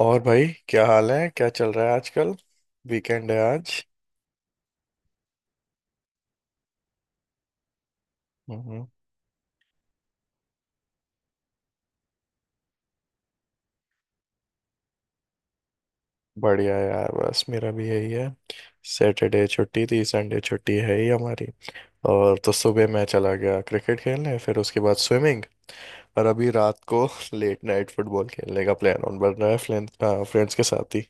और भाई क्या हाल है, क्या चल रहा है आजकल। वीकेंड है आज। हम्म। बढ़िया है यार, बस मेरा भी यही है। सैटरडे छुट्टी थी, संडे छुट्टी है ही हमारी। और तो सुबह मैं चला गया क्रिकेट खेलने, फिर उसके बाद स्विमिंग। और अभी रात को लेट नाइट फुटबॉल खेलने का प्लान ऑन बन रहा है, फ्रेंड्स, फ्रेंड्स के साथ ही।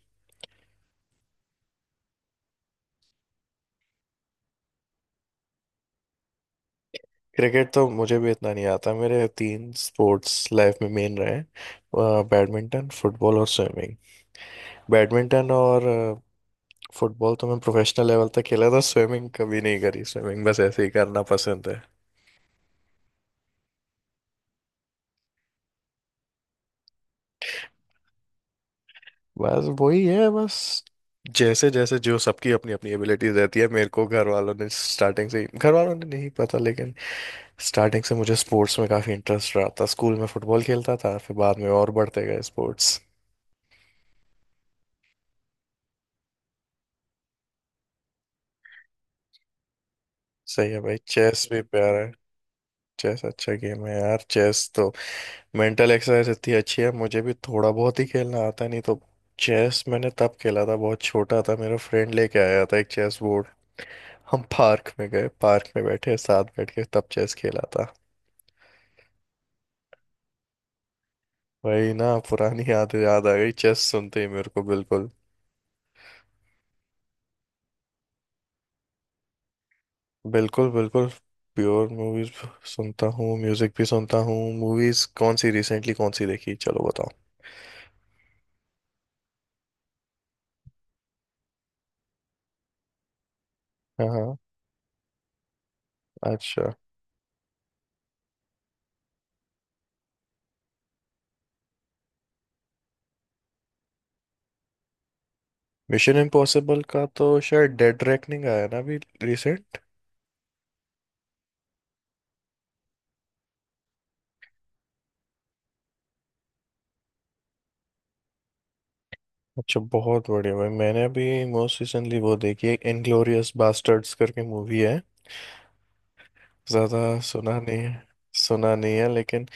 क्रिकेट तो मुझे भी इतना नहीं आता। मेरे तीन स्पोर्ट्स लाइफ में मेन रहे हैं- बैडमिंटन, फुटबॉल और स्विमिंग। बैडमिंटन और फुटबॉल तो मैं प्रोफेशनल लेवल तक खेला था। स्विमिंग कभी नहीं करी, स्विमिंग बस ऐसे ही करना पसंद है। बस वही है। बस जैसे जैसे जो सबकी अपनी अपनी एबिलिटीज रहती है। मेरे को घर वालों ने स्टार्टिंग से ही- घर वालों ने नहीं पता, लेकिन स्टार्टिंग से मुझे स्पोर्ट्स में काफ़ी इंटरेस्ट रहा था। स्कूल में फुटबॉल खेलता था, फिर बाद में और बढ़ते गए स्पोर्ट्स। सही है भाई, चेस भी प्यारा है। चेस अच्छा गेम है यार। चेस तो मेंटल एक्सरसाइज इतनी अच्छी है। मुझे भी थोड़ा बहुत ही खेलना आता है, नहीं तो चेस मैंने तब खेला था, बहुत छोटा था। मेरा फ्रेंड लेके आया था एक चेस बोर्ड। हम पार्क में गए, पार्क में बैठे, साथ बैठ के तब चेस खेला था। वही ना, पुरानी याद याद आ गई चेस सुनते ही मेरे को। बिल्कुल बिल्कुल बिल्कुल। Pure movies. सुनता हूँ, म्यूजिक भी सुनता हूँ। मूवीज कौन सी रिसेंटली कौन सी देखी, चलो बताओ। हाँ हाँ। अच्छा। मिशन इम्पॉसिबल का तो शायद डेड रेकनिंग आया ना अभी, रिसेंट। अच्छा, बहुत बढ़िया भाई। मैंने अभी मोस्ट रिसेंटली वो देखी है, इनग्लोरियस बास्टर्ड्स करके मूवी है, ज्यादा। सुना नहीं है? सुना नहीं है, लेकिन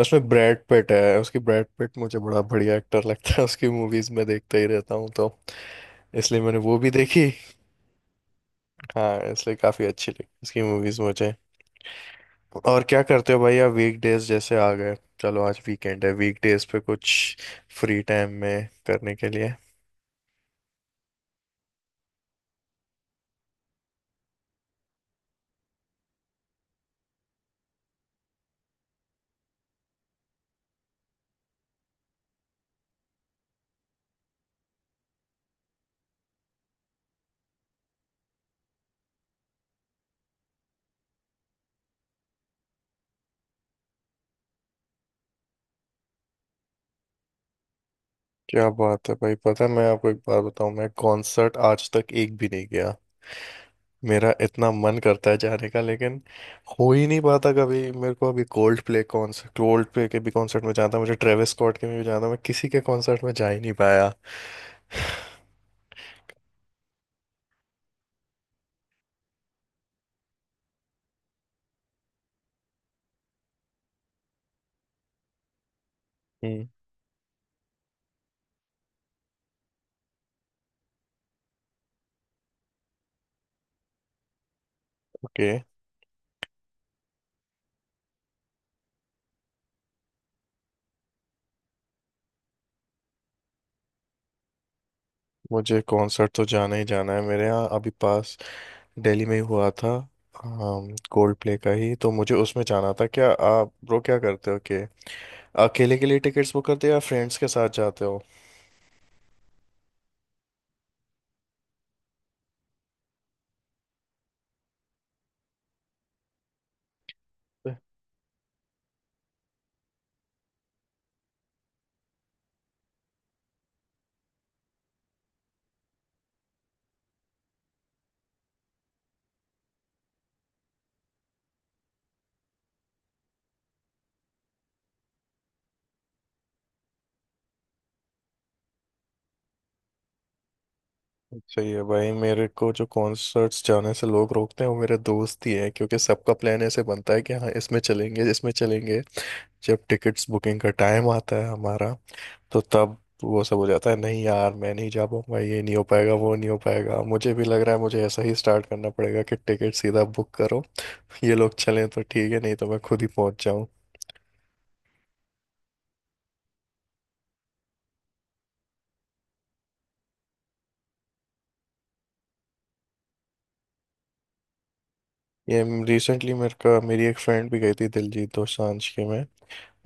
उसमें ब्रैड पिट है। उसकी, ब्रैड पिट मुझे बड़ा बढ़िया एक्टर लगता है, उसकी मूवीज में देखता ही रहता हूँ, तो इसलिए मैंने वो भी देखी। हाँ, इसलिए काफी अच्छी लगी उसकी मूवीज मुझे। और क्या करते हो भाई आप, वीकडेज जैसे आ गए। चलो आज वीकेंड है, वीकडेज पे कुछ फ्री टाइम में करने के लिए? क्या बात है भाई। पता है, मैं आपको एक बात बताऊं, मैं कॉन्सर्ट आज तक एक भी नहीं गया। मेरा इतना मन करता है जाने का, लेकिन हो ही नहीं पाता कभी मेरे को। अभी कोल्ड प्ले के भी कॉन्सर्ट में जाता, मुझे ट्रेविस स्कॉट के भी जाता, मैं किसी के कॉन्सर्ट में जा ही नहीं पाया। हम्म। ओके। मुझे कॉन्सर्ट तो जाना ही जाना है। मेरे यहाँ अभी पास दिल्ली में ही हुआ था कोल्ड प्ले का ही, तो मुझे उसमें जाना था। क्या आप ब्रो, क्या करते हो कि अकेले के लिए टिकट्स बुक करते हो या फ्रेंड्स के साथ जाते हो? सही है भाई। मेरे को जो कॉन्सर्ट्स जाने से लोग रोकते हैं वो मेरे दोस्त ही है, क्योंकि सबका प्लान ऐसे बनता है कि हाँ इसमें चलेंगे, इसमें चलेंगे। जब टिकट्स बुकिंग का टाइम आता है हमारा, तो तब वो सब हो जाता है- नहीं यार मैं नहीं जा पाऊंगा, ये नहीं हो पाएगा, वो नहीं हो पाएगा। मुझे भी लग रहा है मुझे ऐसा ही स्टार्ट करना पड़ेगा कि टिकट सीधा बुक करो, ये लोग चलें तो ठीक है, नहीं तो मैं खुद ही पहुंच जाऊं। ये रिसेंटली मेरे का मेरी एक फ्रेंड भी गई थी दिलजीत दोसांझ के में।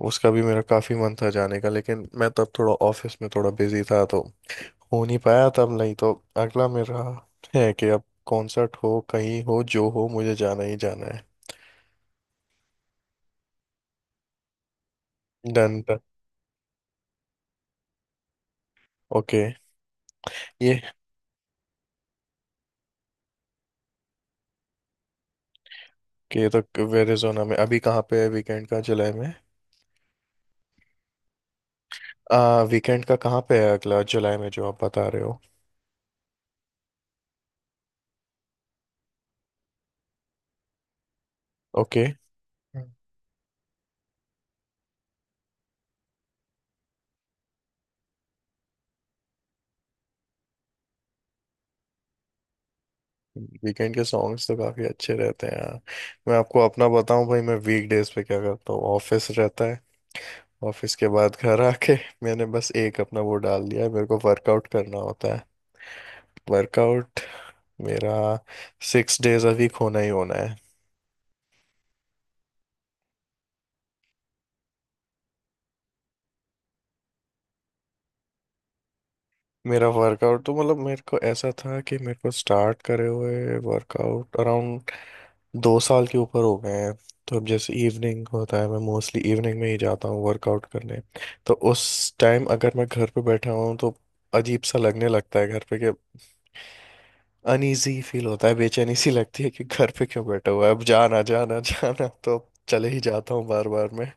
उसका भी मेरा काफ़ी मन था जाने का, लेकिन मैं तब थोड़ा ऑफिस में थोड़ा बिजी था, तो हो नहीं पाया तब। नहीं तो अगला मेरा है कि अब कॉन्सर्ट हो, कहीं हो, जो हो, मुझे जाना ही जाना है। Done done. ओके। ये कि ये तो वेरिजोना में, अभी कहाँ पे है वीकेंड का जुलाई में? आ वीकेंड का कहाँ पे है अगला जुलाई में जो आप बता रहे हो? ओके। वीकेंड के सॉन्ग्स तो काफी अच्छे रहते हैं यार। मैं आपको अपना बताऊं भाई, मैं वीकडेज पे क्या करता हूँ, ऑफिस रहता है। ऑफिस के बाद घर आके मैंने बस एक अपना वो डाल दिया है, मेरे को वर्कआउट करना होता है। वर्कआउट मेरा 6 डेज अ वीक होना ही होना है। मेरा वर्कआउट तो, मतलब मेरे को ऐसा था कि मेरे को स्टार्ट करे हुए वर्कआउट अराउंड 2 साल के ऊपर हो गए हैं। तो अब जैसे इवनिंग होता है, मैं मोस्टली इवनिंग में ही जाता हूँ वर्कआउट करने। तो उस टाइम अगर मैं घर पे बैठा हूँ तो अजीब सा लगने लगता है घर पे, कि अनईजी फील होता है, बेचैनी सी लगती है कि घर पे क्यों बैठा हुआ है, अब जाना जाना जाना, तो अब चले ही जाता हूँ बार बार मैं।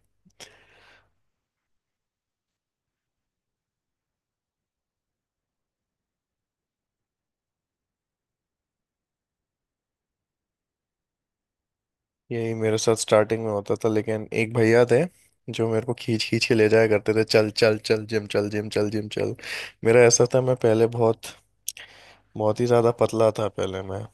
यही मेरे साथ स्टार्टिंग में होता था, लेकिन एक भैया थे जो मेरे को खींच खींच के ले जाया करते थे- चल चल चल जिम चल, जिम चल, जिम चल। मेरा ऐसा था, मैं पहले बहुत बहुत ही ज़्यादा पतला था पहले मैं,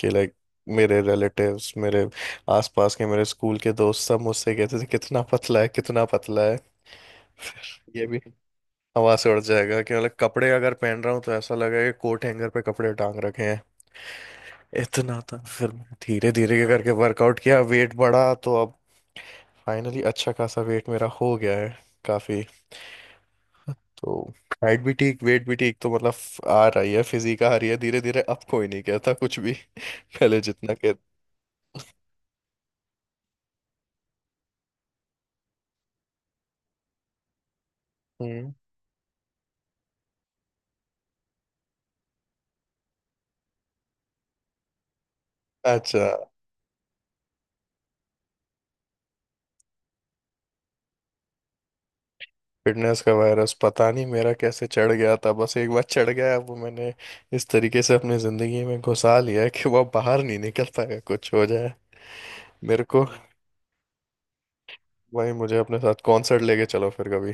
कि लाइक मेरे रिलेटिव्स, मेरे आसपास के, मेरे स्कूल के दोस्त सब मुझसे कहते थे कितना पतला है, कितना पतला है। ये भी हवा से उड़ जाएगा, कि मतलब कपड़े अगर पहन रहा हूँ तो ऐसा लगेगा कि कोट हैंगर पे कपड़े टांग रखे हैं, इतना था। फिर मैंने धीरे धीरे करके वर्कआउट किया, वेट बढ़ा, तो अब फाइनली अच्छा खासा वेट मेरा हो गया है, काफी। तो हाइट भी ठीक, वेट भी ठीक, तो मतलब आ रही है फिजिक, आ रही है धीरे धीरे, अब कोई नहीं कहता कुछ भी। पहले जितना कह। हम्म। अच्छा। फिटनेस का वायरस पता नहीं मेरा कैसे चढ़ गया था। बस एक बार चढ़ गया वो, मैंने इस तरीके से अपनी जिंदगी में घुसा लिया है कि वह बाहर नहीं निकल पाएगा कुछ हो जाए। मेरे को, भाई मुझे अपने साथ कॉन्सर्ट लेके चलो फिर कभी।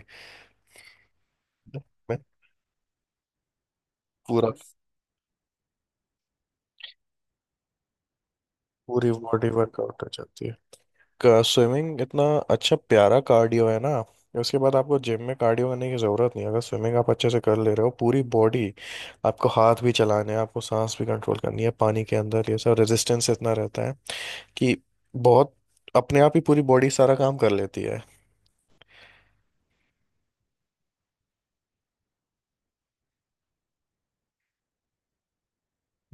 मैं पूरा। पूरी बॉडी वर्कआउट हो जाती है। स्विमिंग इतना अच्छा प्यारा कार्डियो है ना। उसके बाद आपको जिम में कार्डियो करने की ज़रूरत नहीं है। अगर स्विमिंग आप अच्छे से कर ले रहे हो, पूरी बॉडी, आपको हाथ भी चलाने हैं, आपको सांस भी कंट्रोल करनी है, पानी के अंदर ये सब रेजिस्टेंस इतना रहता है कि बहुत, अपने आप ही पूरी बॉडी सारा काम कर लेती है।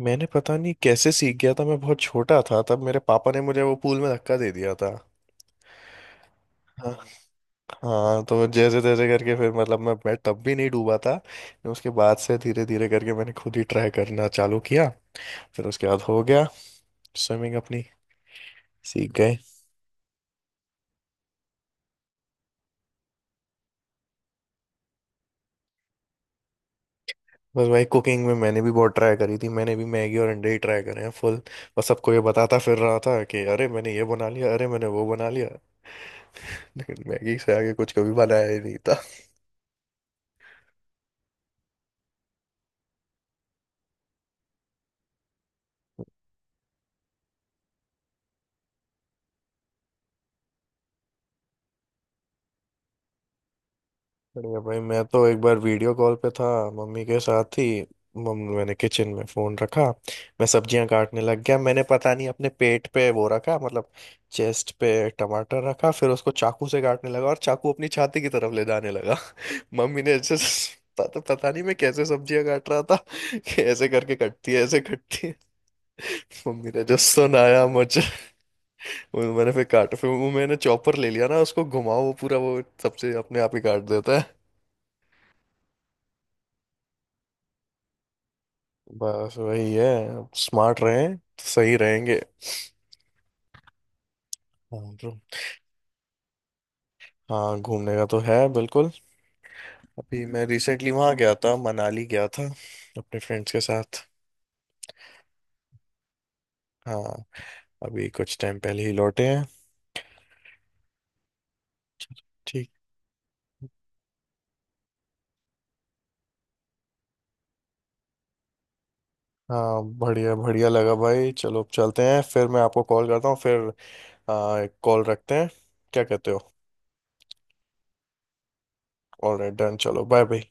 मैंने पता नहीं कैसे सीख गया था। मैं बहुत छोटा था तब, मेरे पापा ने मुझे वो पूल में धक्का दे दिया था। हाँ। हाँ, तो जैसे तैसे करके फिर, मतलब मैं तब भी नहीं डूबा था। उसके बाद से धीरे धीरे करके मैंने खुद ही ट्राई करना चालू किया, फिर उसके बाद हो गया स्विमिंग अपनी, सीख गए। बस भाई कुकिंग में मैंने भी बहुत ट्राई करी थी। मैंने भी मैगी और अंडे ही ट्राई करे हैं फुल। बस सबको ये बताता फिर रहा था कि अरे मैंने ये बना लिया, अरे मैंने वो बना लिया, लेकिन मैगी से आगे कुछ कभी बनाया ही नहीं था। बढ़िया भाई, मैं तो एक बार वीडियो कॉल पे था मम्मी के साथ ही, मम्मी मैंने किचन में फोन रखा, मैं सब्जियां काटने लग गया। मैंने पता नहीं अपने पेट पे वो रखा, मतलब चेस्ट पे टमाटर रखा, फिर उसको चाकू से काटने लगा और चाकू अपनी छाती की तरफ ले जाने लगा। मम्मी ने ऐसे, पता पता नहीं मैं कैसे सब्जियां काट रहा था, कि ऐसे करके कटती है, ऐसे कटती है। मम्मी ने जो सुनाया मुझे। वो मैंने फिर काट, फिर वो मैंने चॉपर ले लिया ना, उसको घुमाओ वो पूरा वो सबसे अपने आप ही काट देता है। बस वही है। स्मार्ट रहें तो सही रहेंगे। हाँ bro। हाँ, घूमने का तो है बिल्कुल। अभी मैं रिसेंटली वहाँ गया था, मनाली गया था अपने फ्रेंड्स के साथ। हाँ, अभी कुछ टाइम पहले ही लौटे हैं। ठीक। हाँ बढ़िया, बढ़िया लगा भाई। चलो अब चलते हैं, फिर मैं आपको कॉल करता हूँ, फिर कॉल रखते हैं, क्या कहते हो? ऑलराइट डन, चलो बाय बाय।